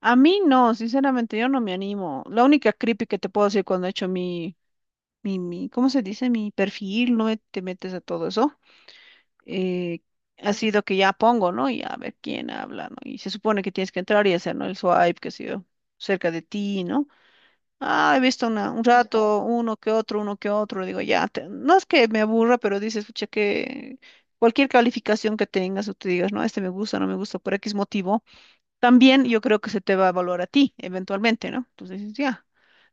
A mí no, sinceramente, yo no me animo. La única creepy que te puedo decir cuando he hecho mi, ¿cómo se dice? Mi perfil, no te metes a todo eso. eh, Ha sido que ya pongo, ¿no? Y a ver quién habla, ¿no? Y se supone que tienes que entrar y hacer, ¿no? El swipe, qué sé yo, cerca de ti, ¿no? Ah, he visto una, un rato, uno que otro, digo, ya, no es que me aburra, pero dices, pucha, que cualquier calificación que tengas o te digas, no, este me gusta, no me gusta, por X motivo, también yo creo que se te va a evaluar a ti eventualmente, ¿no? Entonces dices, ya,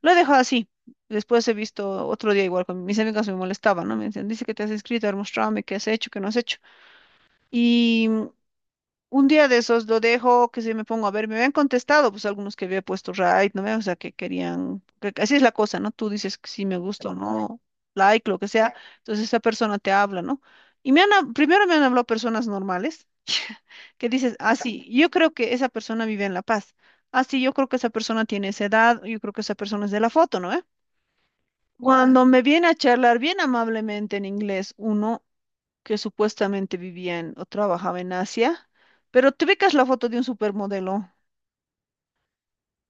lo he dejado así. Después he visto otro día igual con mis amigas me molestaban, ¿no? Me decían, dice que te has inscrito, a ver, muéstrame qué has hecho, qué no has hecho. Y un día de esos lo dejo, que si me pongo a ver, me habían contestado, pues algunos que había puesto right, ¿no ve? O sea, que querían, así es la cosa, ¿no? Tú dices que si me gusta o no, like, lo que sea, entonces esa persona te habla, ¿no? Y primero me han hablado personas normales, que dices, ah, sí, yo creo que esa persona vive en La Paz, ah, sí, yo creo que esa persona tiene esa edad, yo creo que esa persona es de la foto, ¿no eh? Cuando me viene a charlar bien amablemente en inglés, uno que supuestamente vivían o trabajaba en Asia, pero te ubicas la foto de un supermodelo,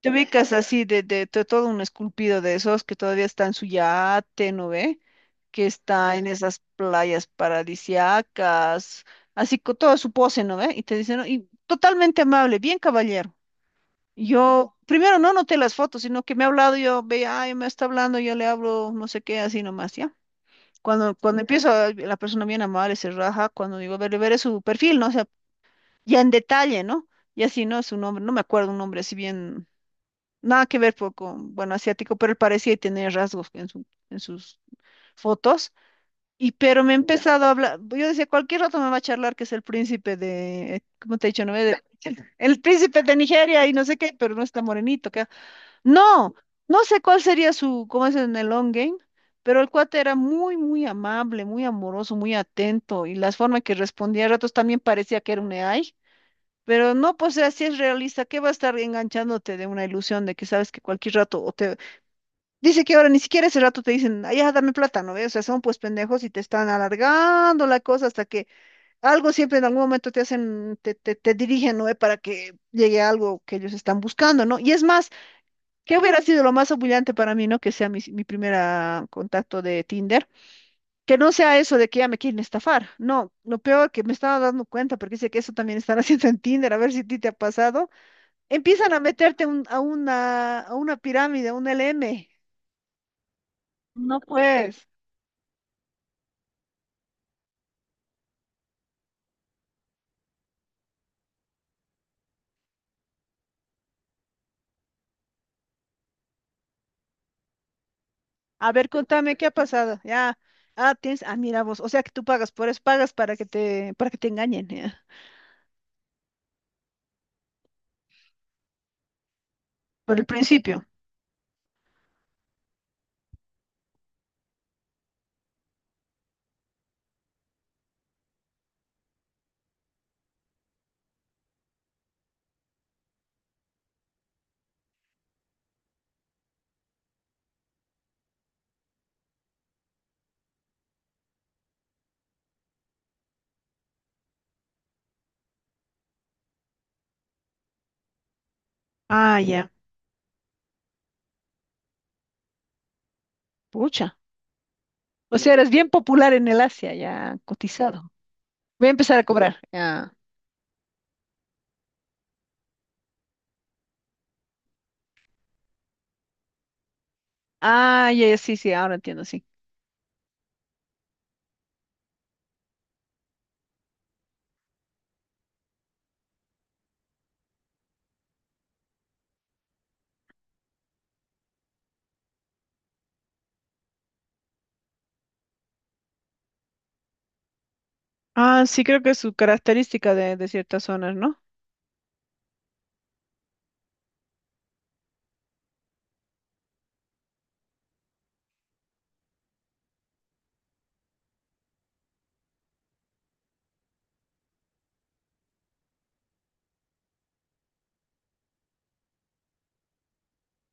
te ubicas así todo un esculpido de esos que todavía está en su yate, ¿no ve? Que está en esas playas paradisiacas, así con toda su pose, ¿no ve? Y te dicen, "No, y totalmente amable, bien caballero." Yo primero no noté las fotos, sino que me ha hablado, yo veía, ay, me está hablando, yo le hablo, no sé qué, así nomás, ¿ya? Cuando, empiezo, la persona bien amable se raja, cuando digo, a ver, veré su perfil, ¿no? Ya en detalle, ¿no? Y así, ¿no? Su nombre, no me acuerdo un nombre así bien, nada que ver con, bueno, asiático, pero él parecía tener rasgos en sus fotos. Y pero me ha empezado a hablar, yo decía, cualquier rato me va a charlar que es el príncipe de, ¿cómo te he dicho? ¿No? El príncipe de Nigeria y no sé qué, pero no está morenito, que no, no sé cuál sería su, cómo es en el long game, pero el cuate era muy, muy amable, muy amoroso, muy atento y las formas que respondía a ratos también parecía que era un AI. Pero no, pues así es realista, ¿qué va a estar enganchándote de una ilusión de que sabes que cualquier rato o te dice que ahora ni siquiera ese rato te dicen, "Ay, ya, dame plata, ¿no ves? O sea, son pues pendejos y te están alargando la cosa hasta que algo siempre en algún momento te hacen, te dirigen, ¿no ve? Para que llegue a algo que ellos están buscando, ¿no? Y es más, ¿qué hubiera sido lo más humillante para mí, ¿no? Que sea mi primer contacto de Tinder. Que no sea eso de que ya me quieren estafar. No, lo peor que me estaba dando cuenta, porque dice que eso también están haciendo en Tinder, a ver si a ti te ha pasado. Empiezan a meterte a una pirámide, a un LM. No pues. A ver, contame qué ha pasado. Ya. Ah, tienes. Ah, mira vos. O sea que tú pagas por eso, pagas para que te engañen, ya. Por el principio. Ah, ya. Pucha. O sea, eres bien popular en el Asia, ya cotizado. Voy a empezar a cobrar. Ya. Ah, ya, ya, sí, sí, ahora entiendo, sí. Ah, sí, creo que es su característica de ciertas zonas, ¿no?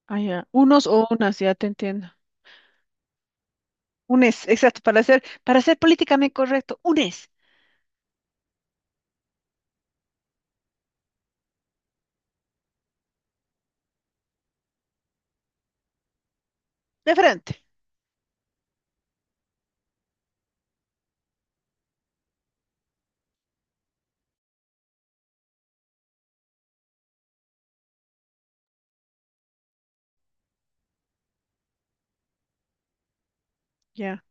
Ah, ya. Unos o unas, ya te entiendo. Unes, exacto, para ser políticamente correcto, unes. De frente. Ya,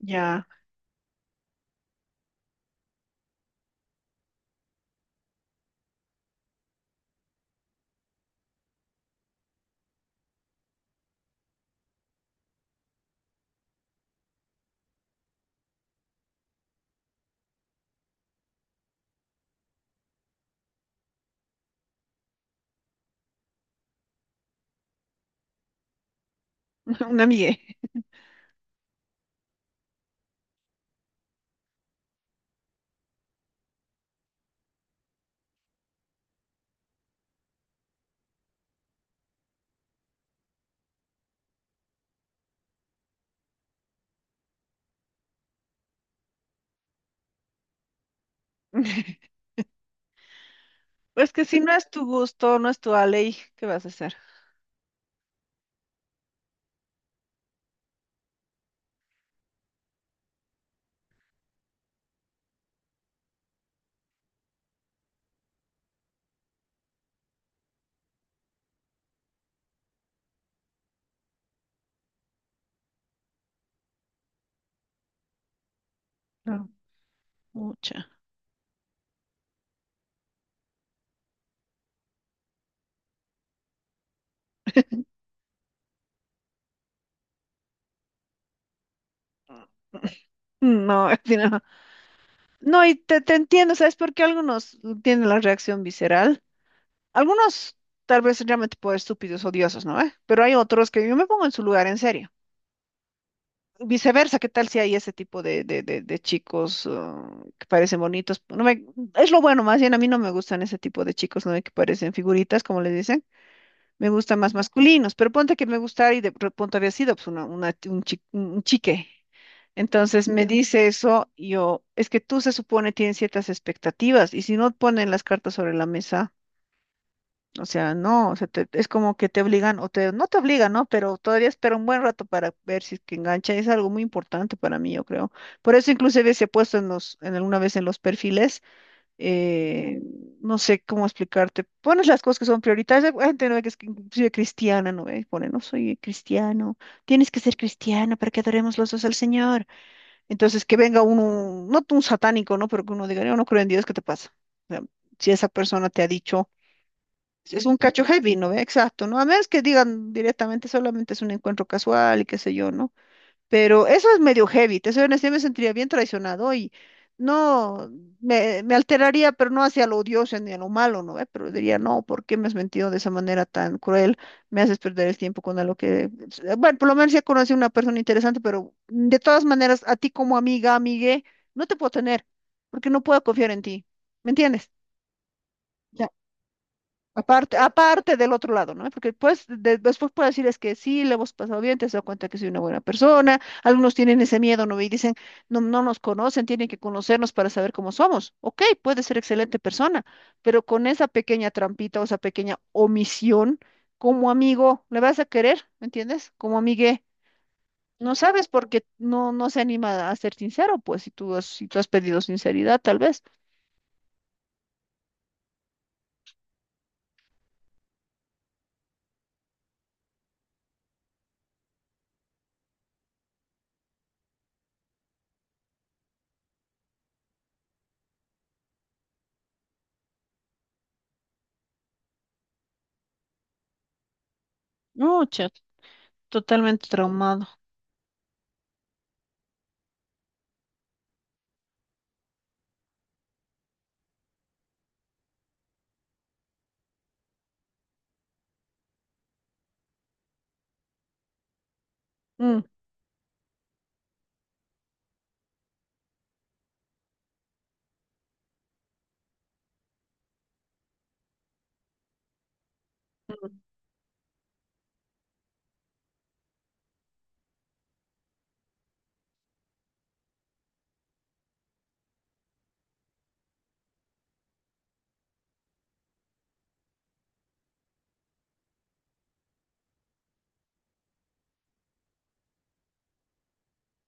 ya, una mie. Pues que si no es tu gusto, no es tu ley, ¿qué vas a hacer? No, mucha. No, así no. No, y te entiendo, ¿sabes por qué algunos tienen la reacción visceral? Algunos tal vez realmente por estúpidos, odiosos, ¿no? ¿Eh? Pero hay otros que yo me pongo en su lugar, en serio. Viceversa, ¿qué tal si hay ese tipo de chicos que parecen bonitos? No me, es lo bueno, más bien a mí no me gustan ese tipo de chicos, ¿no? Que parecen figuritas, como les dicen. Me gustan más masculinos, pero ponte que me gustara y de pronto había sido pues, un chique. Entonces me dice eso, y yo, es que tú se supone tienes ciertas expectativas y si no ponen las cartas sobre la mesa, o sea, no, o sea, es como que te obligan o te, no te obligan, ¿no? Pero todavía espera un buen rato para ver si es que engancha, es algo muy importante para mí, yo creo. Por eso inclusive se ha puesto en los, en alguna vez en los perfiles eh, no sé cómo explicarte, pones las cosas que son prioritarias, hay gente no que es que inclusive cristiana, no ve, pone, no soy cristiano, tienes que ser cristiano para que adoremos los dos al Señor. Entonces que venga uno, no un satánico, ¿no? Pero que uno diga, yo no creo en Dios, ¿qué te pasa? O sea, si esa persona te ha dicho, es un cacho heavy, ¿no ve? Exacto, ¿no? A menos que digan directamente, solamente es un encuentro casual y qué sé yo, ¿no? Pero eso es medio heavy, te soy honesta, yo me sentiría bien traicionado y no, me alteraría, pero no hacia lo odioso ni a lo malo, ¿no ve? Pero diría, no, ¿por qué me has mentido de esa manera tan cruel? Me haces perder el tiempo con algo que, bueno, por lo menos ya conocí a una persona interesante, pero de todas maneras, a ti como amiga, amigue, no te puedo tener, porque no puedo confiar en ti, ¿me entiendes? Aparte, aparte del otro lado, ¿no? Porque pues, después puedo decirles que sí, le hemos pasado bien, te has dado cuenta que soy una buena persona. Algunos tienen ese miedo, ¿no? Y dicen, no, no nos conocen, tienen que conocernos para saber cómo somos. Ok, puede ser excelente persona, pero con esa pequeña trampita o esa pequeña omisión, como amigo, le vas a querer, ¿me entiendes? Como amigue, no sabes porque no, no se anima a ser sincero, pues, si tú has, si tú has pedido sinceridad, tal vez. No, chat, totalmente traumado. Mm.